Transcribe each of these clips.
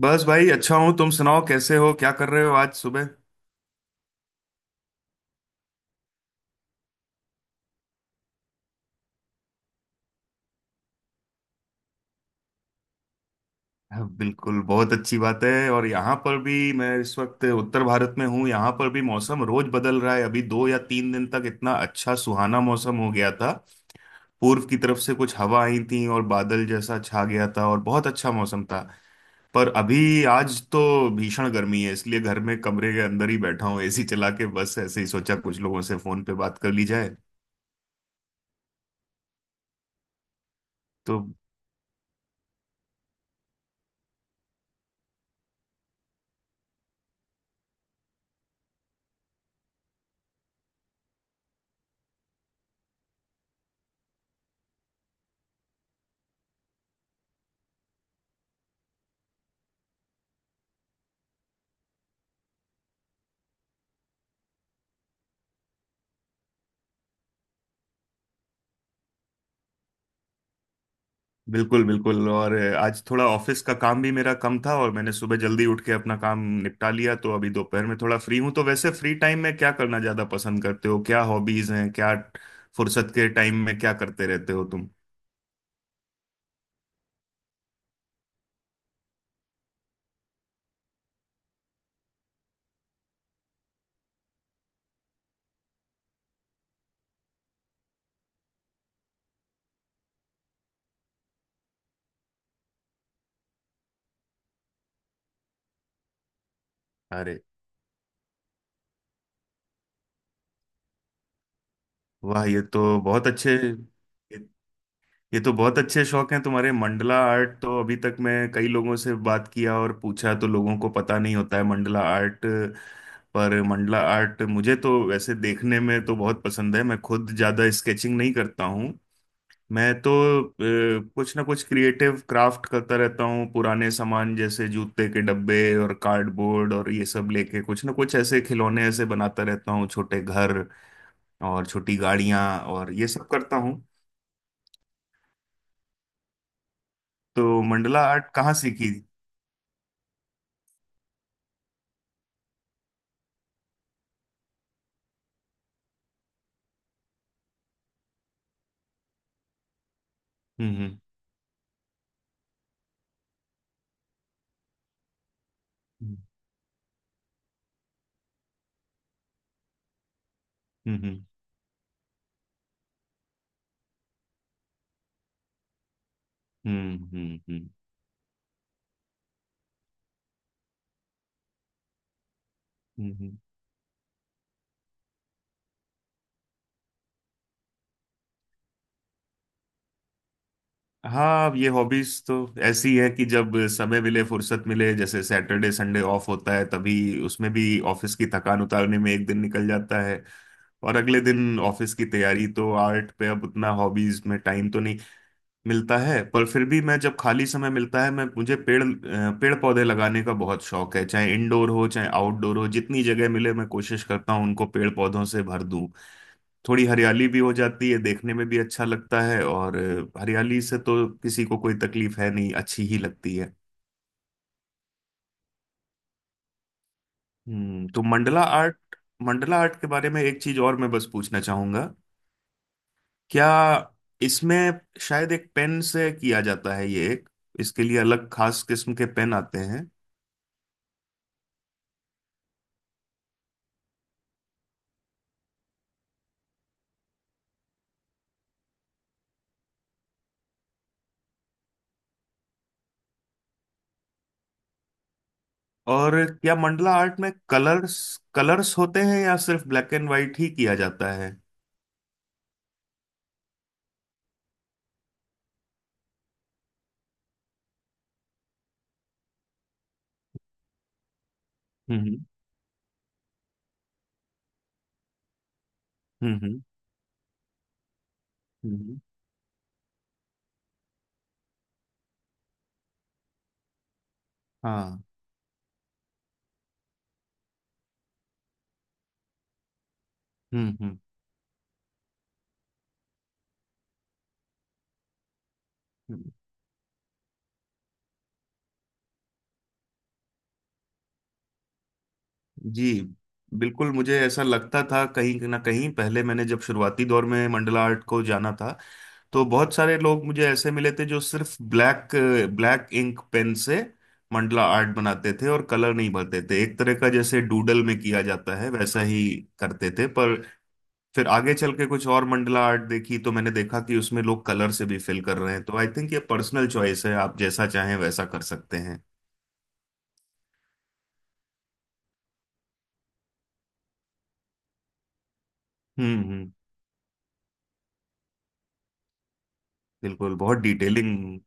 बस भाई अच्छा हूँ। तुम सुनाओ कैसे हो, क्या कर रहे हो आज सुबह? हाँ, बिल्कुल बहुत अच्छी बात है। और यहाँ पर भी मैं इस वक्त उत्तर भारत में हूँ। यहाँ पर भी मौसम रोज बदल रहा है। अभी दो या तीन दिन तक इतना अच्छा सुहाना मौसम हो गया था। पूर्व की तरफ से कुछ हवा आई थी और बादल जैसा छा गया था और बहुत अच्छा मौसम था। पर अभी आज तो भीषण गर्मी है, इसलिए घर में कमरे के अंदर ही बैठा हूँ एसी चला के। बस ऐसे ही सोचा कुछ लोगों से फोन पे बात कर ली जाए। तो बिल्कुल बिल्कुल। और आज थोड़ा ऑफिस का काम भी मेरा कम था और मैंने सुबह जल्दी उठ के अपना काम निपटा लिया। तो अभी दोपहर में थोड़ा फ्री हूं। तो वैसे फ्री टाइम में क्या करना ज्यादा पसंद करते हो? क्या हॉबीज हैं? क्या फुर्सत के टाइम में क्या करते रहते हो तुम? अरे वाह, ये ये तो बहुत अच्छे शौक हैं तुम्हारे। मंडला आर्ट तो अभी तक मैं कई लोगों से बात किया और पूछा तो लोगों को पता नहीं होता है मंडला आर्ट। पर मंडला आर्ट मुझे तो वैसे देखने में तो बहुत पसंद है। मैं खुद ज़्यादा स्केचिंग नहीं करता हूँ। मैं तो अ, कुछ ना कुछ क्रिएटिव क्राफ्ट करता रहता हूँ। पुराने सामान जैसे जूते के डब्बे और कार्डबोर्ड और ये सब लेके कुछ ना कुछ ऐसे खिलौने ऐसे बनाता रहता हूँ, छोटे घर और छोटी गाड़ियाँ, और ये सब करता हूँ। तो मंडला आर्ट कहाँ सीखी? हम्म। हम्म। हम्म। हम्म। हम्म। हम्म, हम्म। हाँ अब ये हॉबीज तो ऐसी है कि जब समय मिले, फुर्सत मिले, जैसे सैटरडे संडे ऑफ होता है तभी। उसमें भी ऑफिस की थकान उतारने में एक दिन निकल जाता है और अगले दिन ऑफिस की तैयारी। तो आर्ट पे अब उतना हॉबीज में टाइम तो नहीं मिलता है। पर फिर भी मैं जब खाली समय मिलता है, मैं मुझे पेड़ पौधे लगाने का बहुत शौक है। चाहे इंडोर हो, चाहे आउटडोर हो, जितनी जगह मिले मैं कोशिश करता हूँ उनको पेड़ पौधों से भर दूं। थोड़ी हरियाली भी हो जाती है, देखने में भी अच्छा लगता है। और हरियाली से तो किसी को कोई तकलीफ है नहीं, अच्छी ही लगती है। हम्म। तो मंडला आर्ट, मंडला आर्ट के बारे में एक चीज और मैं बस पूछना चाहूंगा। क्या इसमें शायद एक पेन से किया जाता है? ये एक, इसके लिए अलग खास किस्म के पेन आते हैं? और क्या मंडला आर्ट में कलर्स, कलर्स होते हैं या सिर्फ ब्लैक एंड व्हाइट ही किया जाता है? हम्म। हम्म। हम्म। हम्म, हाँ। हम्म। हम्म। जी बिल्कुल। मुझे ऐसा लगता था, कहीं ना कहीं पहले मैंने जब शुरुआती दौर में मंडला आर्ट को जाना था तो बहुत सारे लोग मुझे ऐसे मिले थे जो सिर्फ ब्लैक ब्लैक इंक पेन से मंडला आर्ट बनाते थे और कलर नहीं भरते थे। एक तरह का जैसे डूडल में किया जाता है वैसा ही करते थे। पर फिर आगे चल के कुछ और मंडला आर्ट देखी तो मैंने देखा कि उसमें लोग कलर से भी फिल कर रहे हैं। तो आई थिंक ये पर्सनल चॉइस है, आप जैसा चाहें वैसा कर सकते हैं। हम्म। हम्म। बिल्कुल, बहुत डिटेलिंग।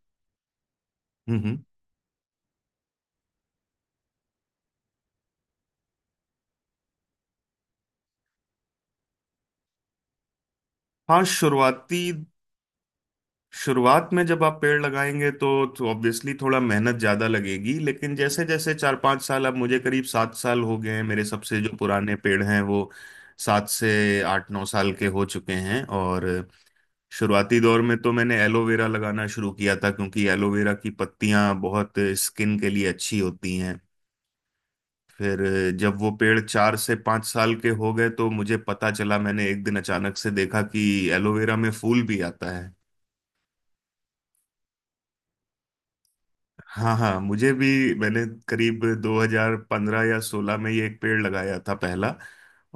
हम्म। हम्म। हाँ शुरुआत में जब आप पेड़ लगाएंगे तो ऑब्वियसली थोड़ा मेहनत ज्यादा लगेगी। लेकिन जैसे जैसे चार पांच साल, अब मुझे करीब 7 साल हो गए हैं। मेरे सबसे जो पुराने पेड़ हैं वो सात से आठ नौ साल के हो चुके हैं। और शुरुआती दौर में तो मैंने एलोवेरा लगाना शुरू किया था क्योंकि एलोवेरा की पत्तियां बहुत स्किन के लिए अच्छी होती हैं। फिर जब वो पेड़ 4 से 5 साल के हो गए तो मुझे पता चला, मैंने एक दिन अचानक से देखा कि एलोवेरा में फूल भी आता है। हाँ हाँ, मुझे भी, मैंने करीब 2015 या 16 में ये एक पेड़ लगाया था पहला।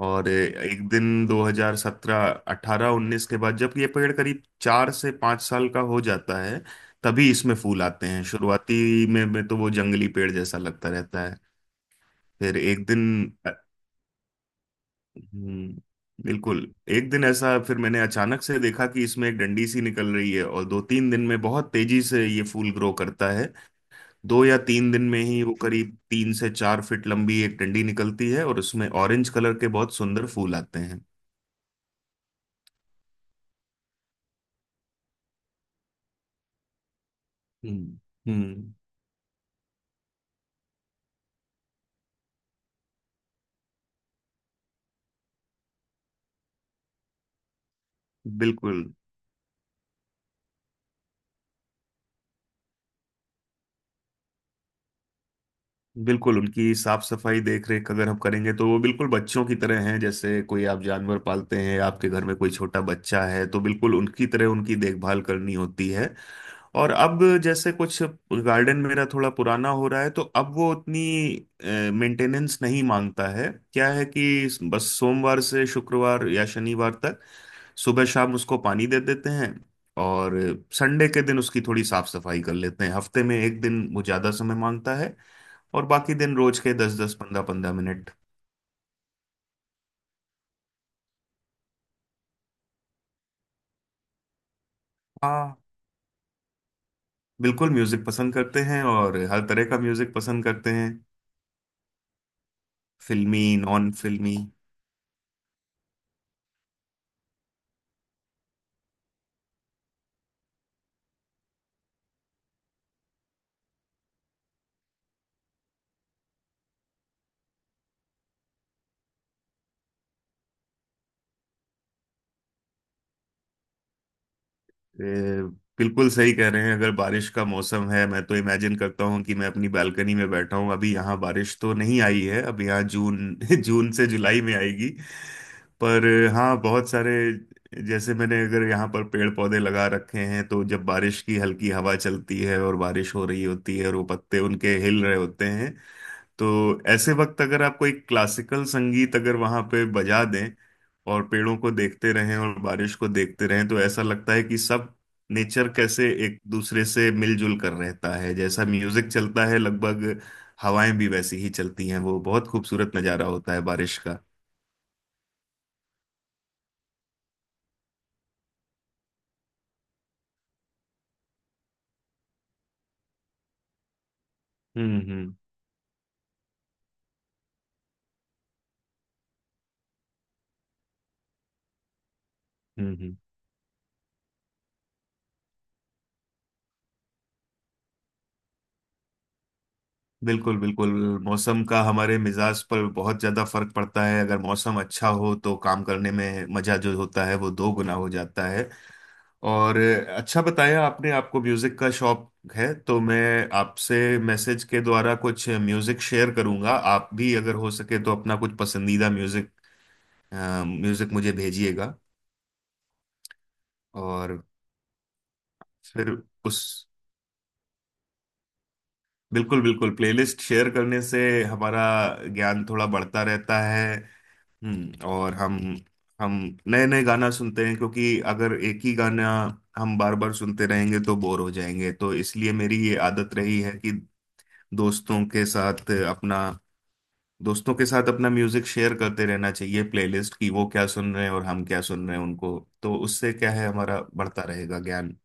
और एक दिन 2017 18 19 के बाद जब ये पेड़ करीब 4 से 5 साल का हो जाता है तभी इसमें फूल आते हैं। शुरुआती में तो वो जंगली पेड़ जैसा लगता रहता है। फिर एक दिन। हम्म, बिल्कुल। एक दिन ऐसा फिर मैंने अचानक से देखा कि इसमें एक डंडी सी निकल रही है और दो तीन दिन में बहुत तेजी से ये फूल ग्रो करता है। दो या तीन दिन में ही वो करीब 3 से 4 फीट लंबी एक डंडी निकलती है और उसमें ऑरेंज कलर के बहुत सुंदर फूल आते हैं। हम्म। हम्म। बिल्कुल बिल्कुल, उनकी साफ सफाई देख रेख अगर हम करेंगे तो वो बिल्कुल बच्चों की तरह हैं। जैसे कोई आप जानवर पालते हैं, आपके घर में कोई छोटा बच्चा है, तो बिल्कुल उनकी तरह उनकी देखभाल करनी होती है। और अब जैसे कुछ गार्डन मेरा थोड़ा पुराना हो रहा है तो अब वो उतनी मेंटेनेंस नहीं मांगता है। क्या है कि बस सोमवार से शुक्रवार या शनिवार तक सुबह शाम उसको पानी दे देते हैं। और संडे के दिन उसकी थोड़ी साफ सफाई कर लेते हैं। हफ्ते में एक दिन वो ज्यादा समय मांगता है और बाकी दिन रोज के 10-10 15-15 मिनट। हाँ, बिल्कुल म्यूजिक पसंद करते हैं और हर तरह का म्यूजिक पसंद करते हैं। फिल्मी नॉन फिल्मी। ए, बिल्कुल सही कह रहे हैं, अगर बारिश का मौसम है मैं तो इमेजिन करता हूँ कि मैं अपनी बालकनी में बैठा हूँ। अभी यहाँ बारिश तो नहीं आई है, अब यहाँ जून, जून से जुलाई में आएगी। पर हाँ, बहुत सारे जैसे मैंने अगर यहाँ पर पेड़ पौधे लगा रखे हैं तो जब बारिश की हल्की हवा चलती है और बारिश हो रही होती है और वो पत्ते उनके हिल रहे होते हैं, तो ऐसे वक्त अगर आपको एक क्लासिकल संगीत अगर वहां पे बजा दें और पेड़ों को देखते रहें और बारिश को देखते रहें तो ऐसा लगता है कि सब नेचर कैसे एक दूसरे से मिलजुल कर रहता है। जैसा म्यूजिक चलता है, लगभग हवाएं भी वैसी ही चलती हैं। वो बहुत खूबसूरत नज़ारा होता है बारिश का। हम्म। हम्म। हम्म। हम्म। बिल्कुल बिल्कुल। मौसम का हमारे मिजाज पर बहुत ज्यादा फर्क पड़ता है। अगर मौसम अच्छा हो तो काम करने में मजा जो होता है वो दो गुना हो जाता है। और अच्छा बताया आपने, आपको म्यूजिक का शौक है। तो मैं आपसे मैसेज के द्वारा कुछ म्यूजिक शेयर करूंगा। आप भी अगर हो सके तो अपना कुछ पसंदीदा म्यूजिक मुझे भेजिएगा। और फिर उस बिल्कुल बिल्कुल, प्लेलिस्ट शेयर करने से हमारा ज्ञान थोड़ा बढ़ता रहता है। हम्म। और हम नए नए गाना सुनते हैं। क्योंकि अगर एक ही गाना हम बार बार सुनते रहेंगे तो बोर हो जाएंगे। तो इसलिए मेरी ये आदत रही है कि दोस्तों के साथ अपना दोस्तों के साथ अपना म्यूजिक शेयर करते रहना चाहिए, प्लेलिस्ट की, वो क्या सुन रहे हैं और हम क्या सुन रहे हैं उनको। तो उससे क्या है, हमारा बढ़ता रहेगा ज्ञान।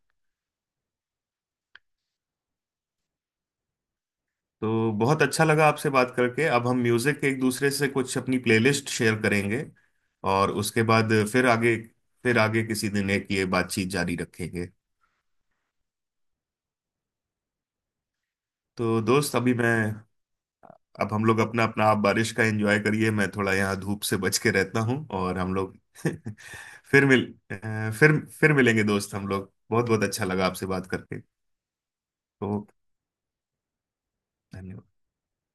तो बहुत अच्छा लगा आपसे बात करके। अब हम म्यूजिक एक दूसरे से कुछ अपनी प्लेलिस्ट शेयर करेंगे। और उसके बाद फिर आगे किसी दिन एक ये बातचीत जारी रखेंगे। तो दोस्त अभी मैं अब हम लोग अपना अपना आप बारिश का एंजॉय करिए। मैं थोड़ा यहाँ धूप से बच के रहता हूँ और हम लोग फिर मिल अ, फिर मिलेंगे दोस्त। हम लोग, बहुत बहुत अच्छा लगा आपसे बात करके। तो धन्यवाद।